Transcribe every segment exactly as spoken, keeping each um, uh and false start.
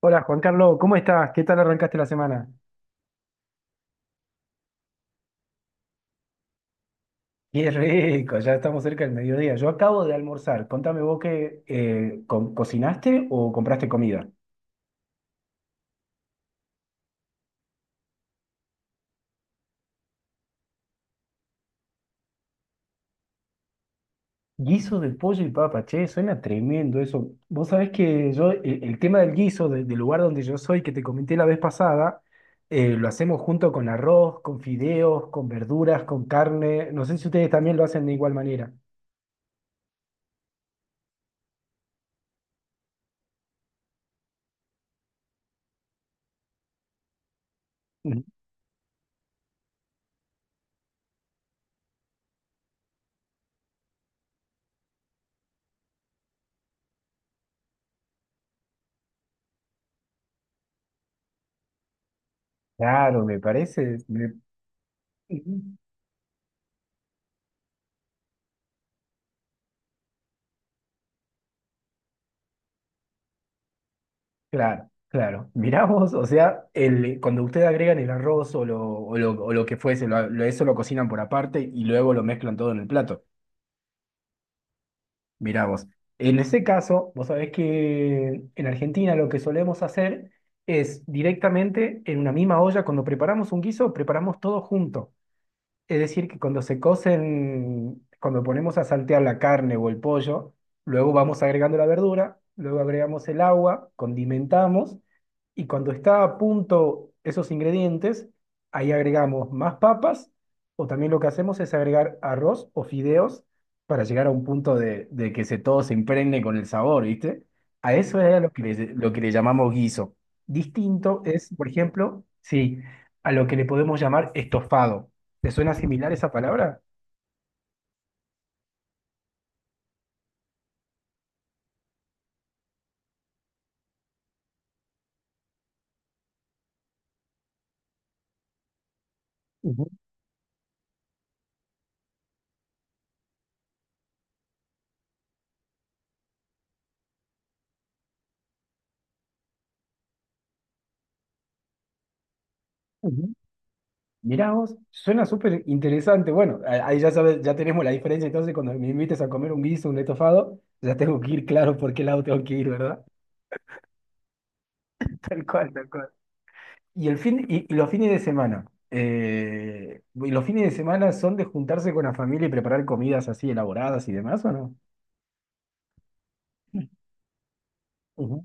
Hola Juan Carlos, ¿cómo estás? ¿Qué tal arrancaste la semana? Qué rico, ya estamos cerca del mediodía. Yo acabo de almorzar. Contame vos qué eh, co- cocinaste o compraste comida. Guiso de pollo y papa, che, suena tremendo eso. Vos sabés que yo, el, el tema del guiso, de- del lugar donde yo soy, que te comenté la vez pasada, eh, lo hacemos junto con arroz, con fideos, con verduras, con carne. No sé si ustedes también lo hacen de igual manera. Ujú. Claro, me parece. me- Claro, claro. Mirá vos, o sea, el, cuando ustedes agregan el arroz o lo, o lo, o lo que fuese, lo- lo- eso lo cocinan por aparte y luego lo mezclan todo en el plato. Mirá vos. En ese caso, vos sabés que en Argentina lo que solemos hacer es directamente en una misma olla, cuando preparamos un guiso, preparamos todo junto. Es decir, que cuando se cocen, cuando ponemos a saltear la carne o el pollo, luego vamos agregando la verdura, luego agregamos el agua, condimentamos y cuando está a punto esos ingredientes, ahí agregamos más papas o también lo que hacemos es agregar arroz o fideos para llegar a un punto de, de que se, todo se impregne con el sabor, ¿viste? A eso es a lo que le, lo que le llamamos guiso. Distinto es, por ejemplo, sí, a lo que le podemos llamar estofado. ¿Te suena similar esa palabra? Ujú, ujú. Mirá vos, suena súper interesante. Bueno, a- ahí ya sabes, ya tenemos la diferencia. Entonces, cuando me invites a comer un guiso, un estofado, ya tengo que ir claro por qué lado tengo que ir, ¿verdad? Tal cual, tal cual. Y, el fin, y, y los fines de semana. Eh, ¿y los fines de semana son de juntarse con la familia y preparar comidas así elaboradas y demás, o no? Ujú.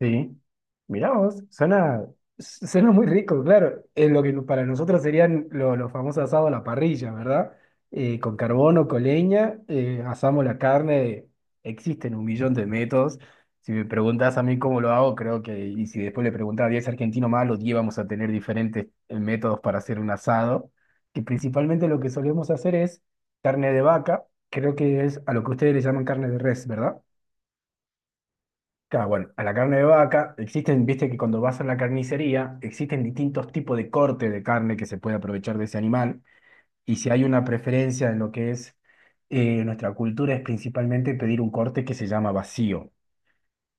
Sí, mirá vos, suena, suena muy rico, claro. Es lo que no, para nosotros serían lo- los famosos asados a la parrilla, ¿verdad? Eh, con carbón o con leña, eh, asamos la carne. Existen un millón de métodos. Si me preguntas a mí cómo lo hago, creo que, y si después le preguntas a diez argentinos más, los diez vamos a tener diferentes eh, métodos para hacer un asado. Que principalmente lo que solemos hacer es carne de vaca, creo que es a lo que ustedes le llaman carne de res, ¿verdad? Claro, bueno, a la carne de vaca existen, viste que cuando vas a la carnicería existen distintos tipos de corte de carne que se puede aprovechar de ese animal. Y si hay una preferencia en lo que es eh, nuestra cultura es principalmente pedir un corte que se llama vacío.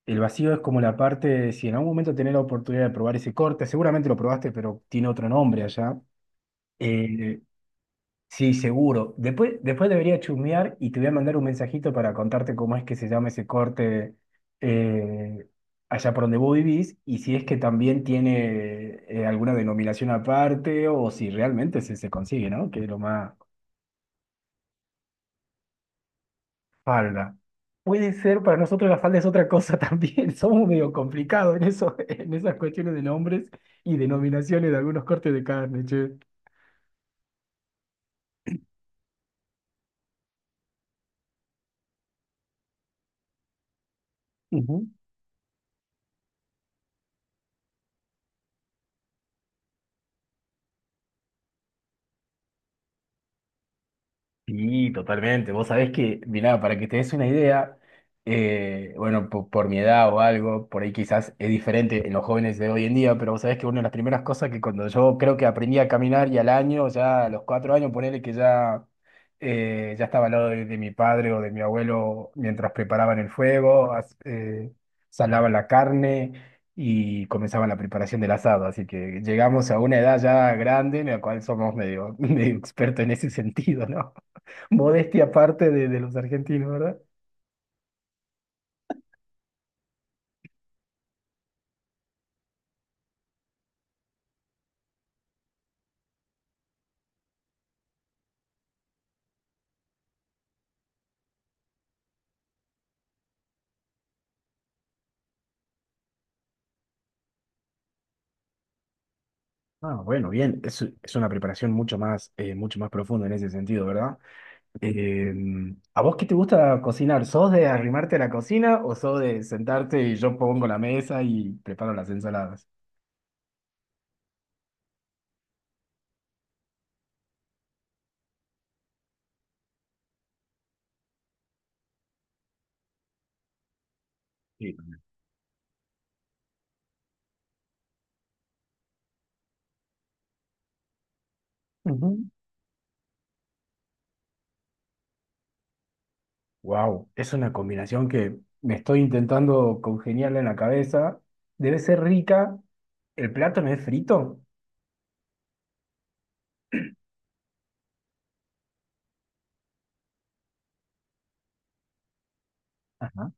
El vacío es como la parte, si en algún momento tenés la oportunidad de probar ese corte, seguramente lo probaste, pero tiene otro nombre allá. eh, Sí, seguro. Después, después debería chusmear y te voy a mandar un mensajito para contarte cómo es que se llama ese corte eh, allá por donde vos vivís y si es que también tiene eh, alguna denominación aparte o si realmente se, se consigue, ¿no? Que es lo más. Falda. Puede ser, para nosotros la falda es otra cosa también. Somos medio complicados en eso, en esas cuestiones de nombres y denominaciones de algunos cortes de carne, che. Ujú. Sí, totalmente. Vos sabés que, mirá, para que te des una idea, eh, bueno, po- por, mi edad o algo, por ahí quizás es diferente en los jóvenes de hoy en día, pero vos sabés que una de las primeras cosas que cuando yo creo que aprendí a caminar y al año, ya a los cuatro años, ponele que ya, eh, ya estaba al lado de, de mi padre o de mi abuelo mientras preparaban el fuego, as- eh, salaban la carne y comenzaban la preparación del asado. Así que llegamos a una edad ya grande en la cual somos medio, medio expertos en ese sentido, ¿no? Modestia aparte de, de los argentinos, ¿verdad? Ah, bueno, bien, es, es una preparación mucho más, eh, mucho más profunda en ese sentido, ¿verdad? Eh, ¿A vos qué te gusta cocinar? ¿Sos de arrimarte a la cocina o sos de sentarte y yo pongo la mesa y preparo las ensaladas? Sí. Ujú. Wow, es una combinación que me estoy intentando congeniarla en la cabeza. Debe ser rica. ¿El plátano es frito? Ajá.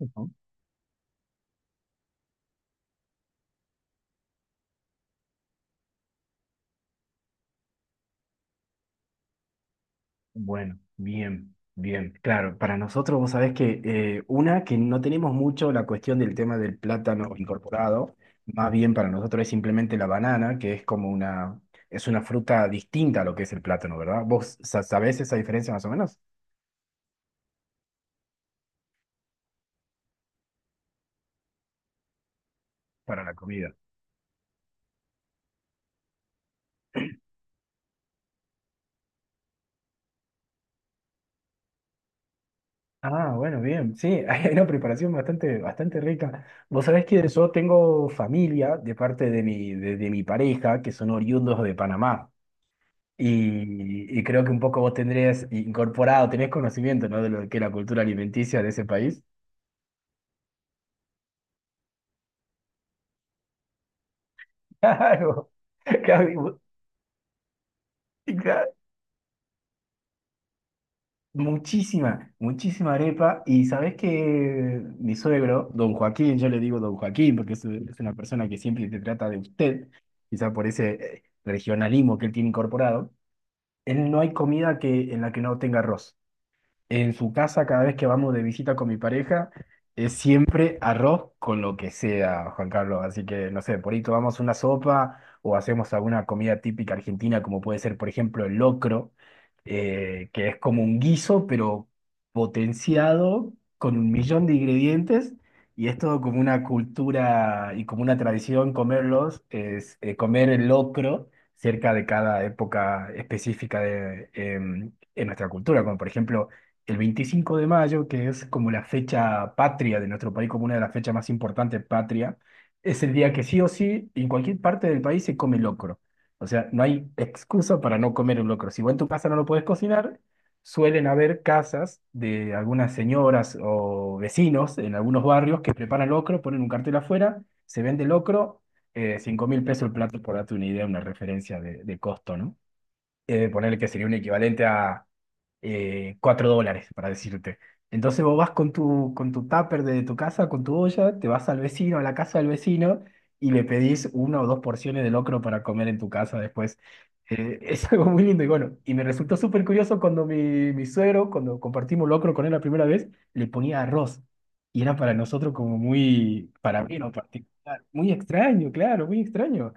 Ujú. Bueno, bien, bien. Claro, para nosotros vos sabés que eh, una que no tenemos mucho la cuestión del tema del plátano incorporado, más bien para nosotros es simplemente la banana, que es como una, es una fruta distinta a lo que es el plátano, ¿verdad? ¿Vos sa- sabés esa diferencia más o menos? Para la comida. Ah, bueno, bien, sí, hay una preparación bastante, bastante rica. Vos sabés que yo tengo familia de parte de mi, de de mi pareja que son oriundos de Panamá. Y, y creo que un poco vos tendrías incorporado, tenés conocimiento, ¿no? De lo que es la cultura alimenticia de ese país. Claro, claro, y claro, muchísima, muchísima arepa. Y sabés que mi suegro, don Joaquín, yo le digo don Joaquín porque es, es una persona que siempre te trata de usted, quizá por ese eh, regionalismo que él tiene incorporado, él no hay comida que, en la que no tenga arroz. En su casa, cada vez que vamos de visita con mi pareja, es siempre arroz con lo que sea, Juan Carlos. Así que, no sé, por ahí tomamos una sopa o hacemos alguna comida típica argentina, como puede ser, por ejemplo, el locro, eh, que es como un guiso, pero potenciado con un millón de ingredientes. Y es todo como una cultura y como una tradición comerlos, es, eh, comer el locro cerca de cada época específica de, em, en nuestra cultura, como por ejemplo el veinticinco de mayo, que es como la fecha patria de nuestro país, como una de las fechas más importantes patria, es el día que sí o sí, en cualquier parte del país se come locro. O sea, no hay excusa para no comer un locro. Si vos en tu casa no lo podés cocinar, suelen haber casas de algunas señoras o vecinos en algunos barrios que preparan locro, ponen un cartel afuera, se vende locro, eh, 5 mil pesos el plato, por darte una idea, una referencia de, de costo, ¿no? Eh, ponerle que sería un equivalente a eh, cuatro dólares, para decirte. Entonces vos vas con tu, con tu tupper de tu casa, con tu olla, te vas al vecino, a la casa del vecino, y le pedís una o dos porciones de locro para comer en tu casa después. Eh, es algo muy lindo y bueno, y me resultó súper curioso cuando mi, mi suegro, cuando compartimos locro con él la primera vez, le ponía arroz. Y era para nosotros como muy, para mí en lo particular, muy extraño, claro, muy extraño.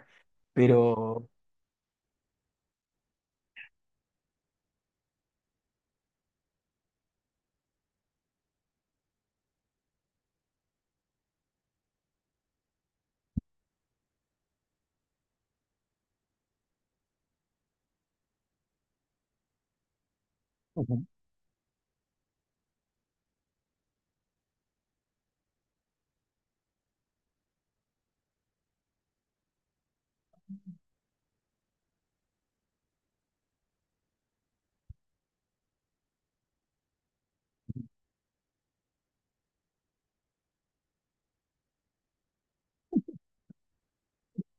Pero.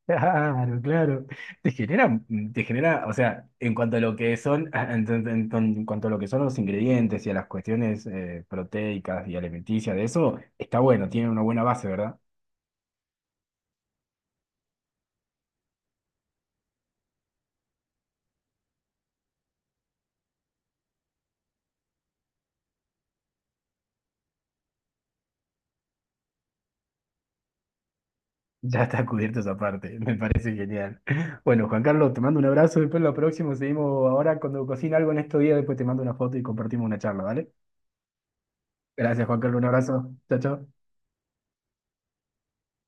Claro, claro. Te genera, mm, te genera, o sea, en cuanto a lo que son, en, en- en- en cuanto a lo que son los ingredientes y a las cuestiones eh, proteicas y alimenticias de eso, está bueno, tiene una buena base, ¿verdad? Ya está cubierto esa parte, me parece genial. Bueno, Juan Carlos, te mando un abrazo, después lo próximo seguimos ahora cuando cocina algo en estos días, después te mando una foto y compartimos una charla, ¿vale? Gracias, Juan Carlos, un abrazo. Chao, chao.